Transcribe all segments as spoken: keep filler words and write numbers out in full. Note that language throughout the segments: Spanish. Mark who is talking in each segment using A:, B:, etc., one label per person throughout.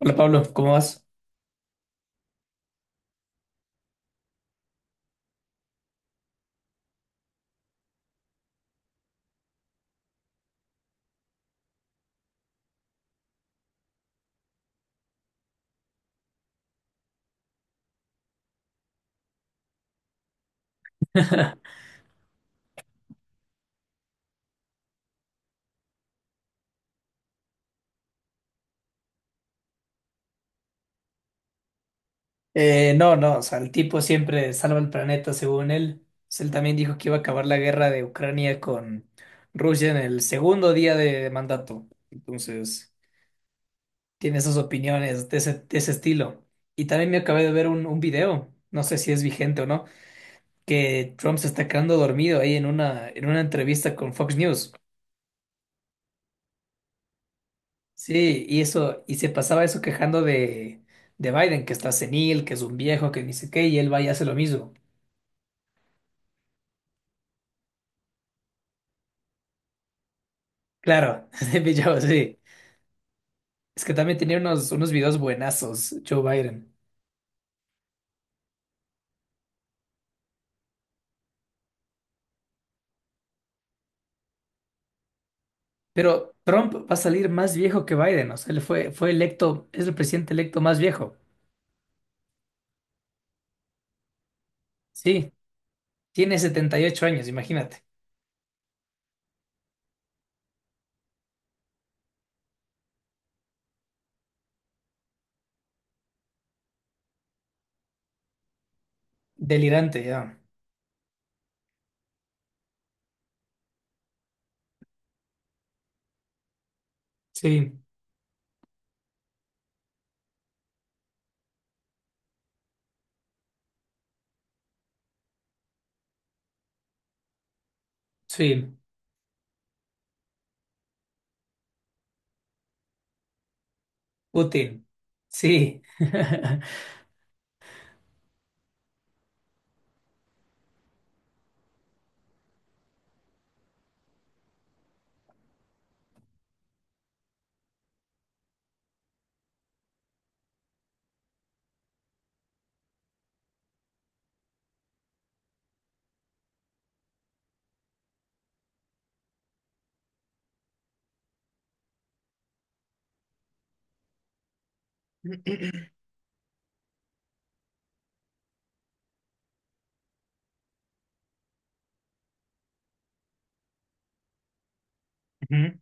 A: Hola Pablo, ¿cómo vas? Eh, no, no, o sea, el tipo siempre salva el planeta según él. Pues él también dijo que iba a acabar la guerra de Ucrania con Rusia en el segundo día de mandato. Entonces, tiene esas opiniones de ese, de ese estilo. Y también me acabé de ver un, un video, no sé si es vigente o no, que Trump se está quedando dormido ahí en una, en una entrevista con Fox News. Sí, y eso, y se pasaba eso quejando de, de Biden, que está senil, que es un viejo, que ni sé qué, y él va y hace lo mismo. Claro, de pillado, sí. Es que también tenía unos, unos videos buenazos, Joe Biden. Pero Trump va a salir más viejo que Biden. O sea, él fue, fue electo, es el presidente electo más viejo. Sí, tiene setenta y ocho años, imagínate. Delirante ya. Sí, sí. Putin. Sí. Ujú.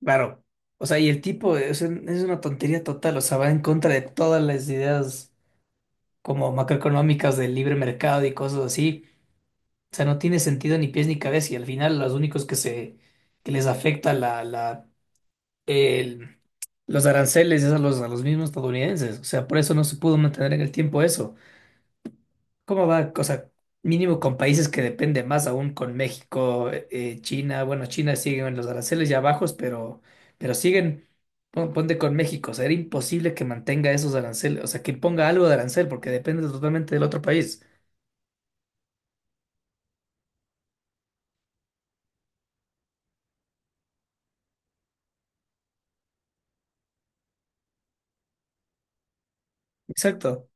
A: Claro. O sea, y el tipo es, un- es una tontería total. O sea, va en contra de todas las ideas como macroeconómicas del libre mercado y cosas así. O sea, no tiene sentido ni pies ni cabeza y al final los únicos que se que les afecta la, la el- los aranceles es a los a los mismos estadounidenses. O sea, por eso no se pudo mantener en el tiempo eso. ¿Cómo va? O sea, mínimo con países que depende más aún con México, eh, China. Bueno, China siguen en los aranceles ya bajos, pero pero siguen pon- ponte con México. O sea, era imposible que mantenga esos aranceles, o sea, que ponga algo de arancel porque depende totalmente del otro país. Exacto.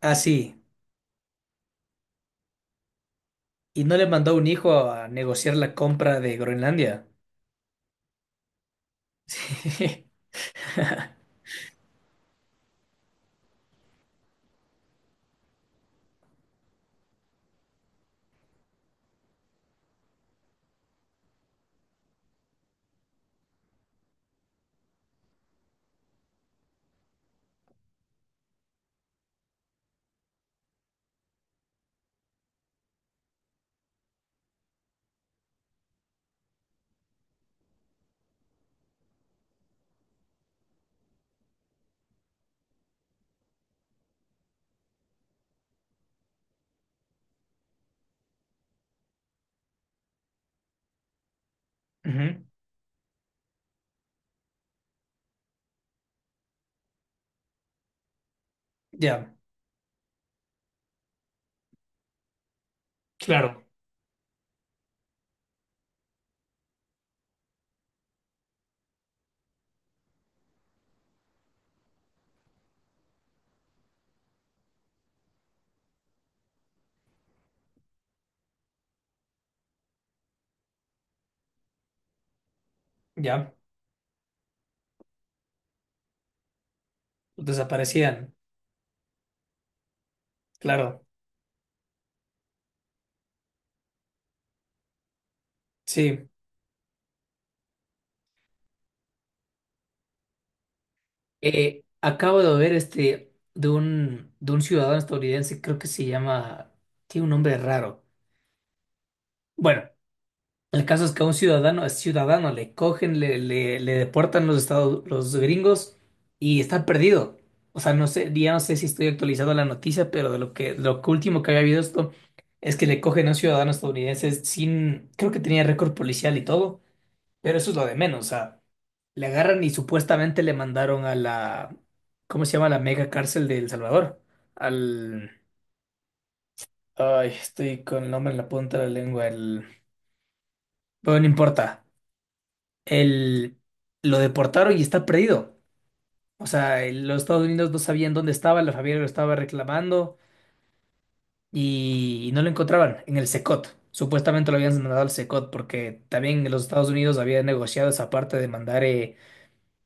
A: Así. Y no le mandó un hijo a negociar la compra de Groenlandia. Ujú. Ya, claro, ya. Desaparecían, claro, sí. Eh, acabo de ver este de un, de un ciudadano estadounidense, creo que se llama, tiene un nombre raro. Bueno, el caso es que a un ciudadano, ciudadano le cogen, le, le, le deportan los estados, los gringos y está perdido. O sea, no sé, ya no sé si estoy actualizado a la noticia, pero de lo que, lo que último que había habido esto es que le cogen a un ciudadano estadounidense sin, creo que tenía récord policial y todo, pero eso es lo de menos. O sea, le agarran y supuestamente le mandaron a la, ¿cómo se llama? La mega cárcel de El Salvador. Al, ay, estoy con el nombre en la punta de la lengua, el, bueno, no importa. el- lo deportaron y está perdido. O sea, el- los Estados Unidos no sabían dónde estaba, la familia lo estaba reclamando y, y no lo encontraban en el S E C O T. Supuestamente lo habían mandado al S E C O T porque también los Estados Unidos habían negociado esa parte de mandar eh,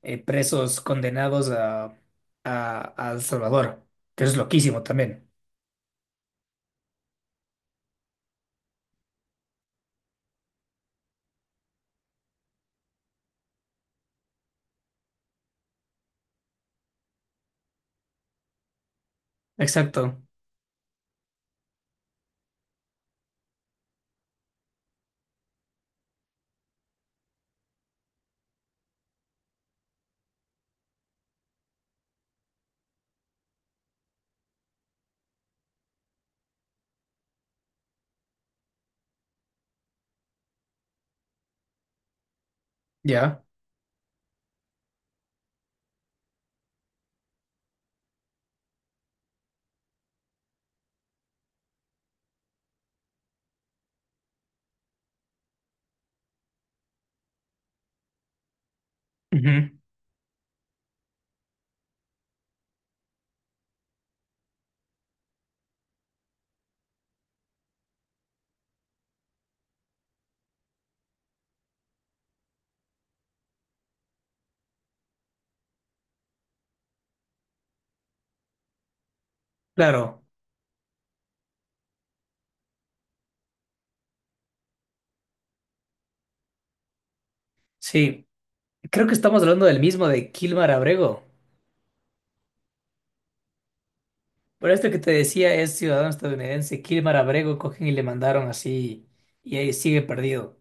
A: eh, presos condenados a, a, a El Salvador, que eso es loquísimo también. Exacto, ya. Ujú. Claro, sí. Creo que estamos hablando del mismo, de Kilmar Abrego. Pero esto que te decía es ciudadano estadounidense. Kilmar Abrego cogen y le mandaron así y ahí sigue perdido.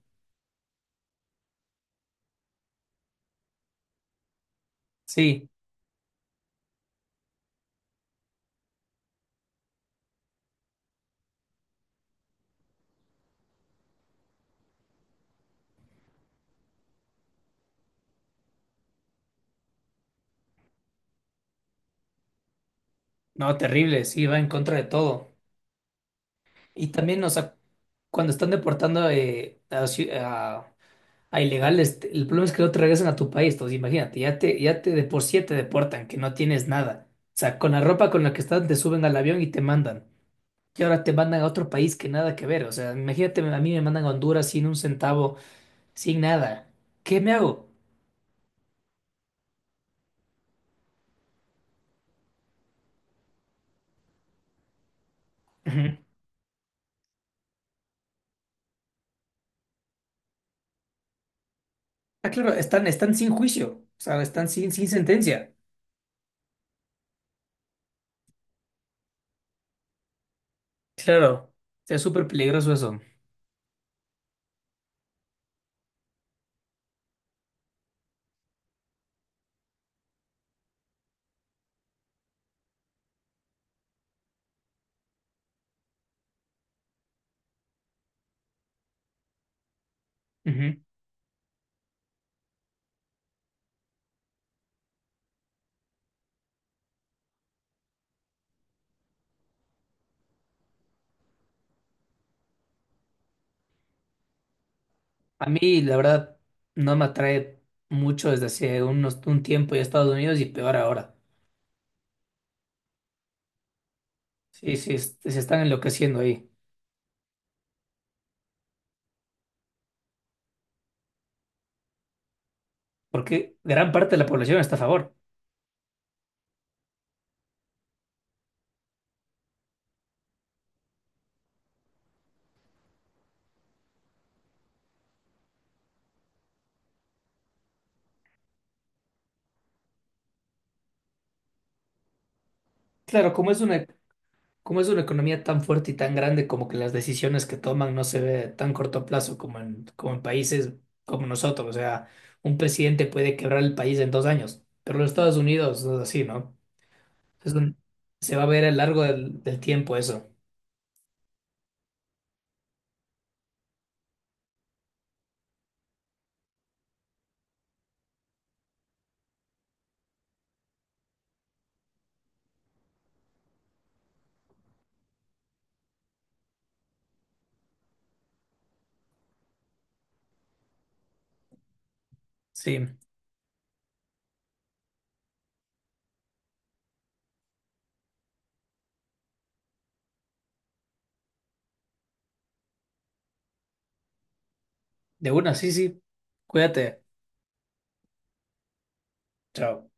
A: Sí, no, terrible, sí, va en contra de todo. Y también, o sea, cuando están deportando eh, a, ciu- a- a ilegales, te- el problema es que no te regresan a tu país. Entonces, imagínate, ya te, ya te de por sí te deportan, que no tienes nada. O sea, con la ropa con la que estás te suben al avión y te mandan. Y ahora te mandan a otro país que nada que ver. O sea, imagínate, a mí me mandan a Honduras sin un centavo sin nada. ¿Qué me hago? Ujú. Ah, claro, están, están sin juicio, o sea, están sin, sin sentencia. Claro. O sea, es súper peligroso eso. Ujú. A mí, la verdad, no me atrae mucho desde hace unos, un tiempo ya Estados Unidos y peor ahora. Sí, sí, es- se están enloqueciendo ahí, porque gran parte de la población está a favor. Claro, como es una. Como es una economía tan fuerte y tan grande, como que las decisiones que toman no se ve tan corto plazo como en, como en países como nosotros. O sea, un presidente puede quebrar el país en dos años, pero los Estados Unidos no es así, ¿no? Es un- Se va a ver a lo largo del, del tiempo eso. Sí, de una, sí, sí. Cuídate. Chao.